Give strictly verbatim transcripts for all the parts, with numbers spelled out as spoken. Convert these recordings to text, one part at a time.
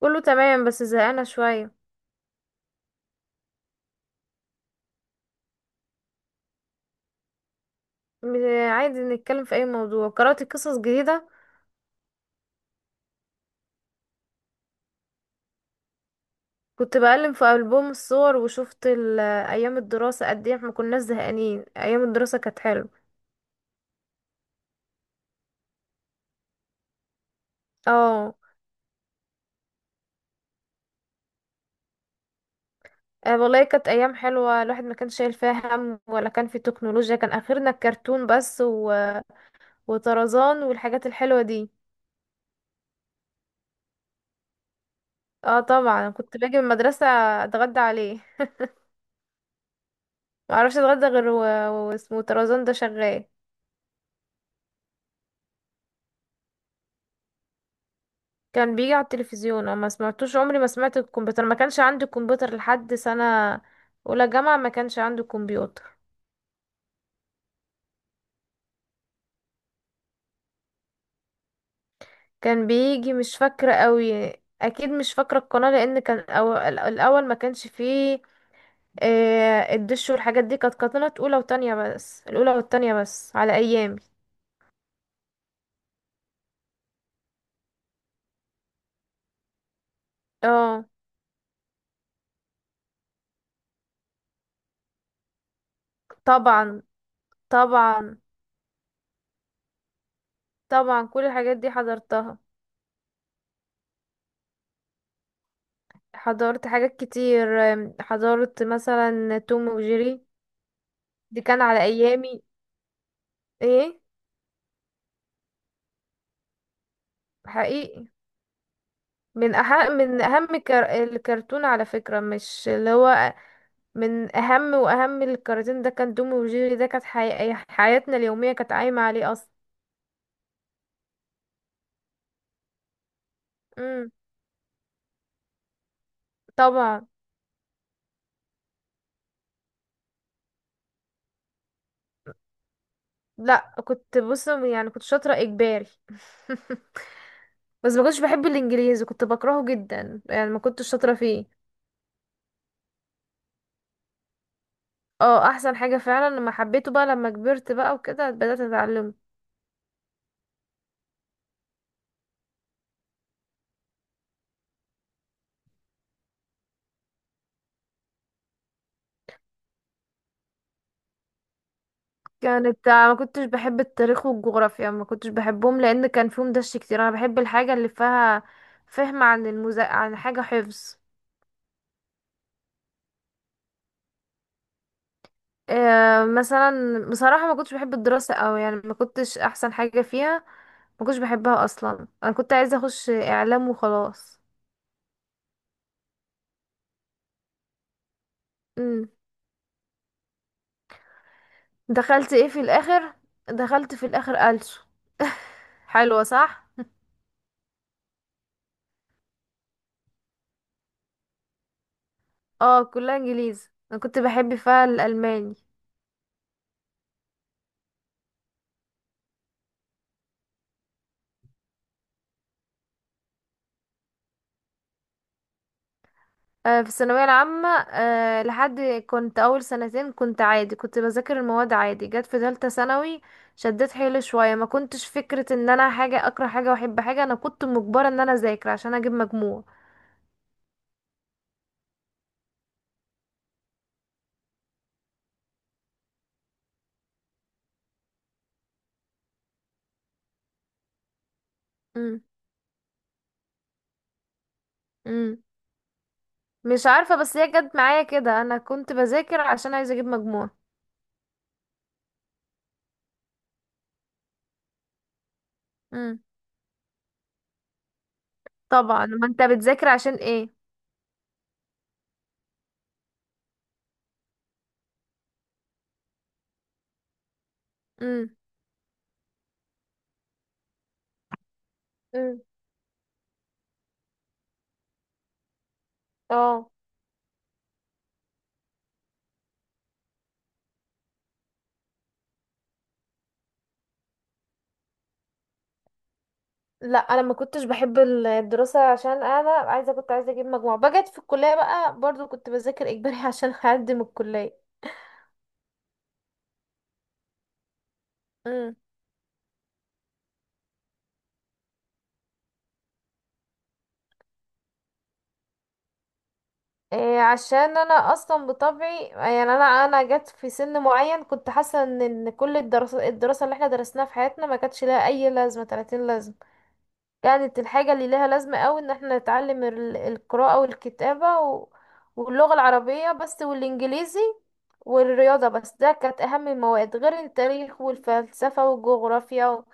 كله تمام بس زهقانة شوية. م- عادي، نتكلم في أي موضوع. قرأت قصص جديدة. كنت بقلب في ألبوم الصور وشفت ال- أيام الدراسة، قد إيه احنا كناش زهقانين، أيام الدراسة كانت حلوة. اه آه، والله كانت أيام حلوة، الواحد ما كانش شايل فيها هم، ولا كان في تكنولوجيا، كان آخرنا الكرتون بس و... وطرزان والحاجات الحلوة دي. اه طبعا، كنت باجي من المدرسة أتغدى عليه، معرفش أتغدى غير و- واسمه طرزان ده شغال. كان بيجي على التلفزيون، اه، ما سمعتوش، عمري ما سمعت الكمبيوتر، ما كانش عندي كمبيوتر لحد سنة اولى جامعة، ما كانش عندي كمبيوتر. كان بيجي، مش فاكرة قوي، اكيد مش فاكرة القناة، لان كان أو... الاول ما كانش فيه آه، الدش والحاجات دي، كانت قناة اولى وتانية بس، الاولى والتانية بس على ايامي. اه طبعا. طبعا. طبعا كل الحاجات دي حضرتها. حضرت حاجات كتير، آم، حضرت مثلا توم وجيري، دي كان على ايامي. ايه. حقيقي. من أح من أهم كر... الكرتون على فكرة، مش اللي هو من أهم وأهم الكراتين، ده كان دومي وجيري، ده كانت حي... حياتنا اليومية كانت قايمة عليه أصلا. امم طبعا. لا، كنت بص يعني كنت شاطرة إجباري، بس ما كنتش بحب الإنجليزي، كنت بكرهه جدا يعني ما كنتش شاطرة فيه. اه أحسن حاجة فعلا، لما حبيته بقى، لما كبرت بقى وكده بدأت أتعلمه. كانت آه، ما كنتش بحب التاريخ والجغرافيا، ما كنتش بحبهم لان كان فيهم دش كتير، انا بحب الحاجه اللي فيها فهم، عن المزا... عن حاجه حفظ. آه مثلا بصراحه ما كنتش بحب الدراسه قوي، يعني ما كنتش احسن حاجه فيها، ما كنتش بحبها اصلا، انا كنت عايزه اخش اعلام وخلاص. امم دخلت ايه في الاخر؟ دخلت في الاخر ألسو. حلوه صح. اه كلها انجليزي، انا كنت بحب فيها الالماني. آه، في الثانوية العامة، آه، لحد، كنت أول سنتين كنت عادي، كنت بذاكر المواد عادي. جت في تالتة ثانوي شديت حيلي شوية، ما كنتش فكرة ان انا حاجة اكره حاجة واحب حاجة، انا كنت مجبرة ان انا اذاكر عشان اجيب مجموع. مم. مم. مش عارفة، بس هي جت معايا كده، انا كنت بذاكر عشان عايزة اجيب مجموع. مم. طبعا، ما انت بتذاكر عشان ايه؟ مم. مم. اه لا، انا ما كنتش بحب الدراسه، عشان انا عايزه كنت عايزه اجيب مجموع بجد، في الكليه بقى برضو كنت بذاكر اجباري، عشان اقدم الكليه. امم إيه، عشان انا اصلا بطبعي يعني انا انا جت في سن معين كنت حاسه ان إن كل الدراسه الدراسه اللي احنا درسناها في حياتنا ما كانتش لها اي لازمه، ثلاثين لازمه، كانت الحاجة اللي لها لازمة قوي ان احنا نتعلم ال- القراءة والكتابة و... واللغة العربية بس والانجليزي والرياضة بس، ده كانت اهم المواد، غير التاريخ والفلسفة والجغرافيا و...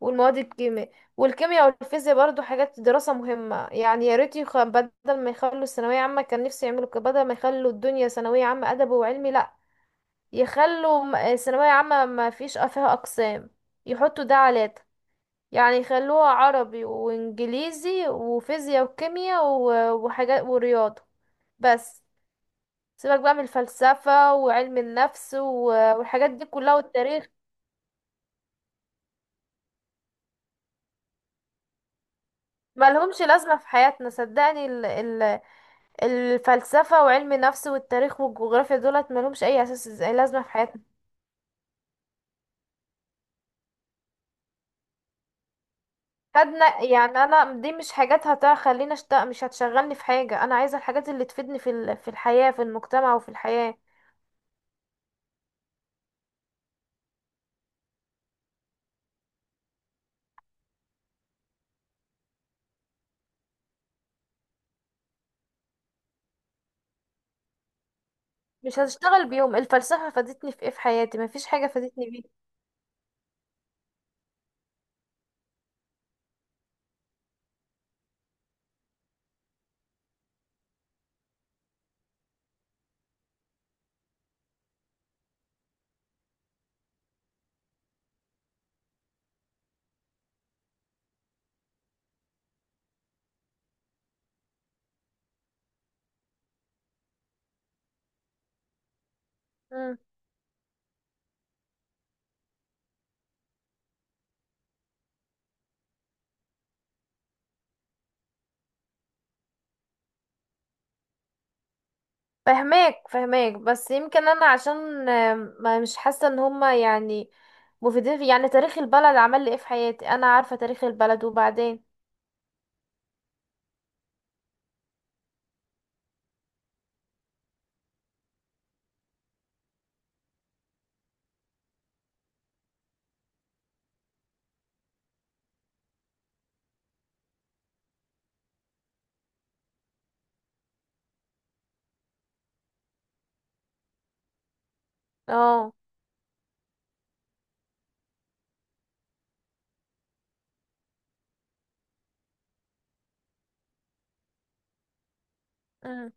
والمواد الكيمياء، والكيمياء والفيزياء برضو حاجات دراسة مهمة، يعني يا ريت يخ... بدل ما يخلوا الثانوية عامة، كان نفسي يعملوا كده، بدل ما يخلوا الدنيا ثانوية عامة أدب وعلمي لأ، يخلوا م- ثانوية عامة ما فيش فيها أقسام، يحطوا ده على ده، يعني يخلوها عربي وانجليزي وفيزياء وكيمياء و- وحاجات ورياضة بس، سيبك بقى من الفلسفة وعلم النفس و- والحاجات دي كلها والتاريخ. ملهمش لازمة في حياتنا صدقني، ال- ال- الفلسفة وعلم النفس والتاريخ والجغرافيا دولت ملهمش أي أساس زي- لازمة في حياتنا. خدنا يعني، أنا دي مش حاجات هتخليني أشتغل، مش هتشغلني في حاجة، أنا عايزة الحاجات اللي تفيدني في ال- في الحياة، في المجتمع وفي الحياة. مش هشتغل بيهم، الفلسفة فادتني في ايه في حياتي، مفيش حاجة فادتني بيها. مم. فهماك فهماك، بس يمكن انا عشان آم، ما مش حاسة ان هما يعني مفيدين في، يعني تاريخ البلد عمل لي ايه في حياتي، انا عارفة تاريخ البلد وبعدين. اه. مم.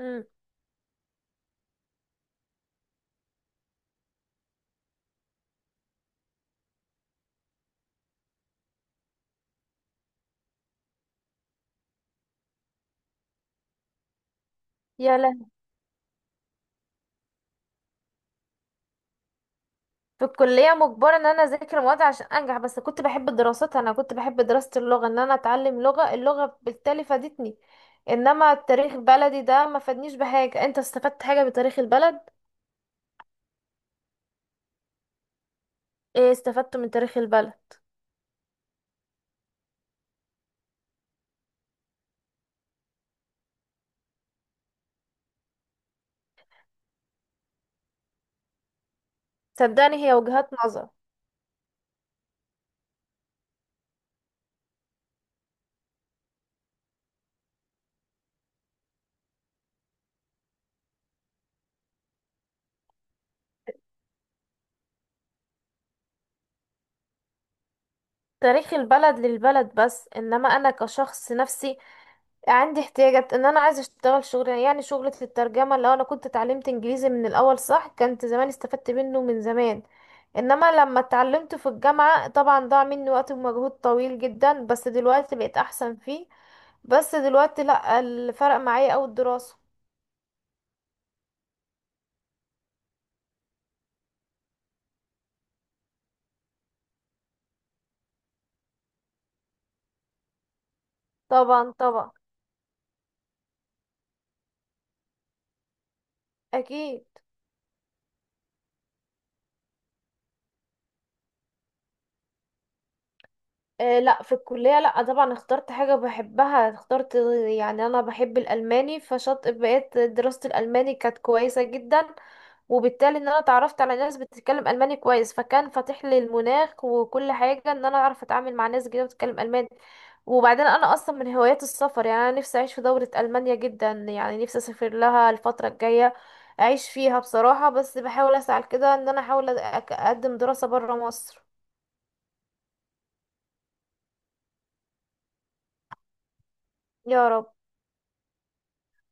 مم. يا لهوي. في الكلية مجبرة ان انا اذاكر مواد عشان انجح، بس كنت بحب الدراسات، انا كنت بحب دراسة اللغة، ان انا اتعلم لغة، اللغة بالتالي فادتني، انما التاريخ بلدي ده ما فادنيش بحاجة، انت استفدت حاجة بتاريخ البلد؟ ايه استفدت من تاريخ البلد؟ صدقني هي وجهات نظر. تاريخ البلد للبلد بس، انما انا كشخص نفسي، عندي احتياجات ان انا عايزه اشتغل شغل، يعني شغلة الترجمة، لو انا كنت اتعلمت انجليزي من الاول صح، كنت زمان استفدت منه من زمان، انما لما اتعلمت في الجامعة طبعا ضاع مني وقت ومجهود طويل جدا، بس دلوقتي بقيت احسن فيه، بس دلوقتي لا، الفرق معايا اوي الدراسة. طبعا طبعا. اكيد. آه لا، في الكلية لا طبعا اخترت حاجة بحبها، اخترت يعني انا بحب الالماني، فشط بقيت دراسة الالماني كانت كويسة جدا، وبالتالي ان انا اتعرفت على ناس بتتكلم الماني كويس، فكان فاتح لي المناخ وكل حاجة، ان انا اعرف اتعامل مع ناس جديدة بتتكلم الماني. وبعدين انا اصلا من هوايات السفر، يعني انا نفسي اعيش في دولة المانيا جدا، يعني نفسي اسافر لها الفترة الجاية، اعيش فيها بصراحة، بس بحاول اسعى كده ان انا احاول أ- اقدم دراسة برا مصر. يا رب.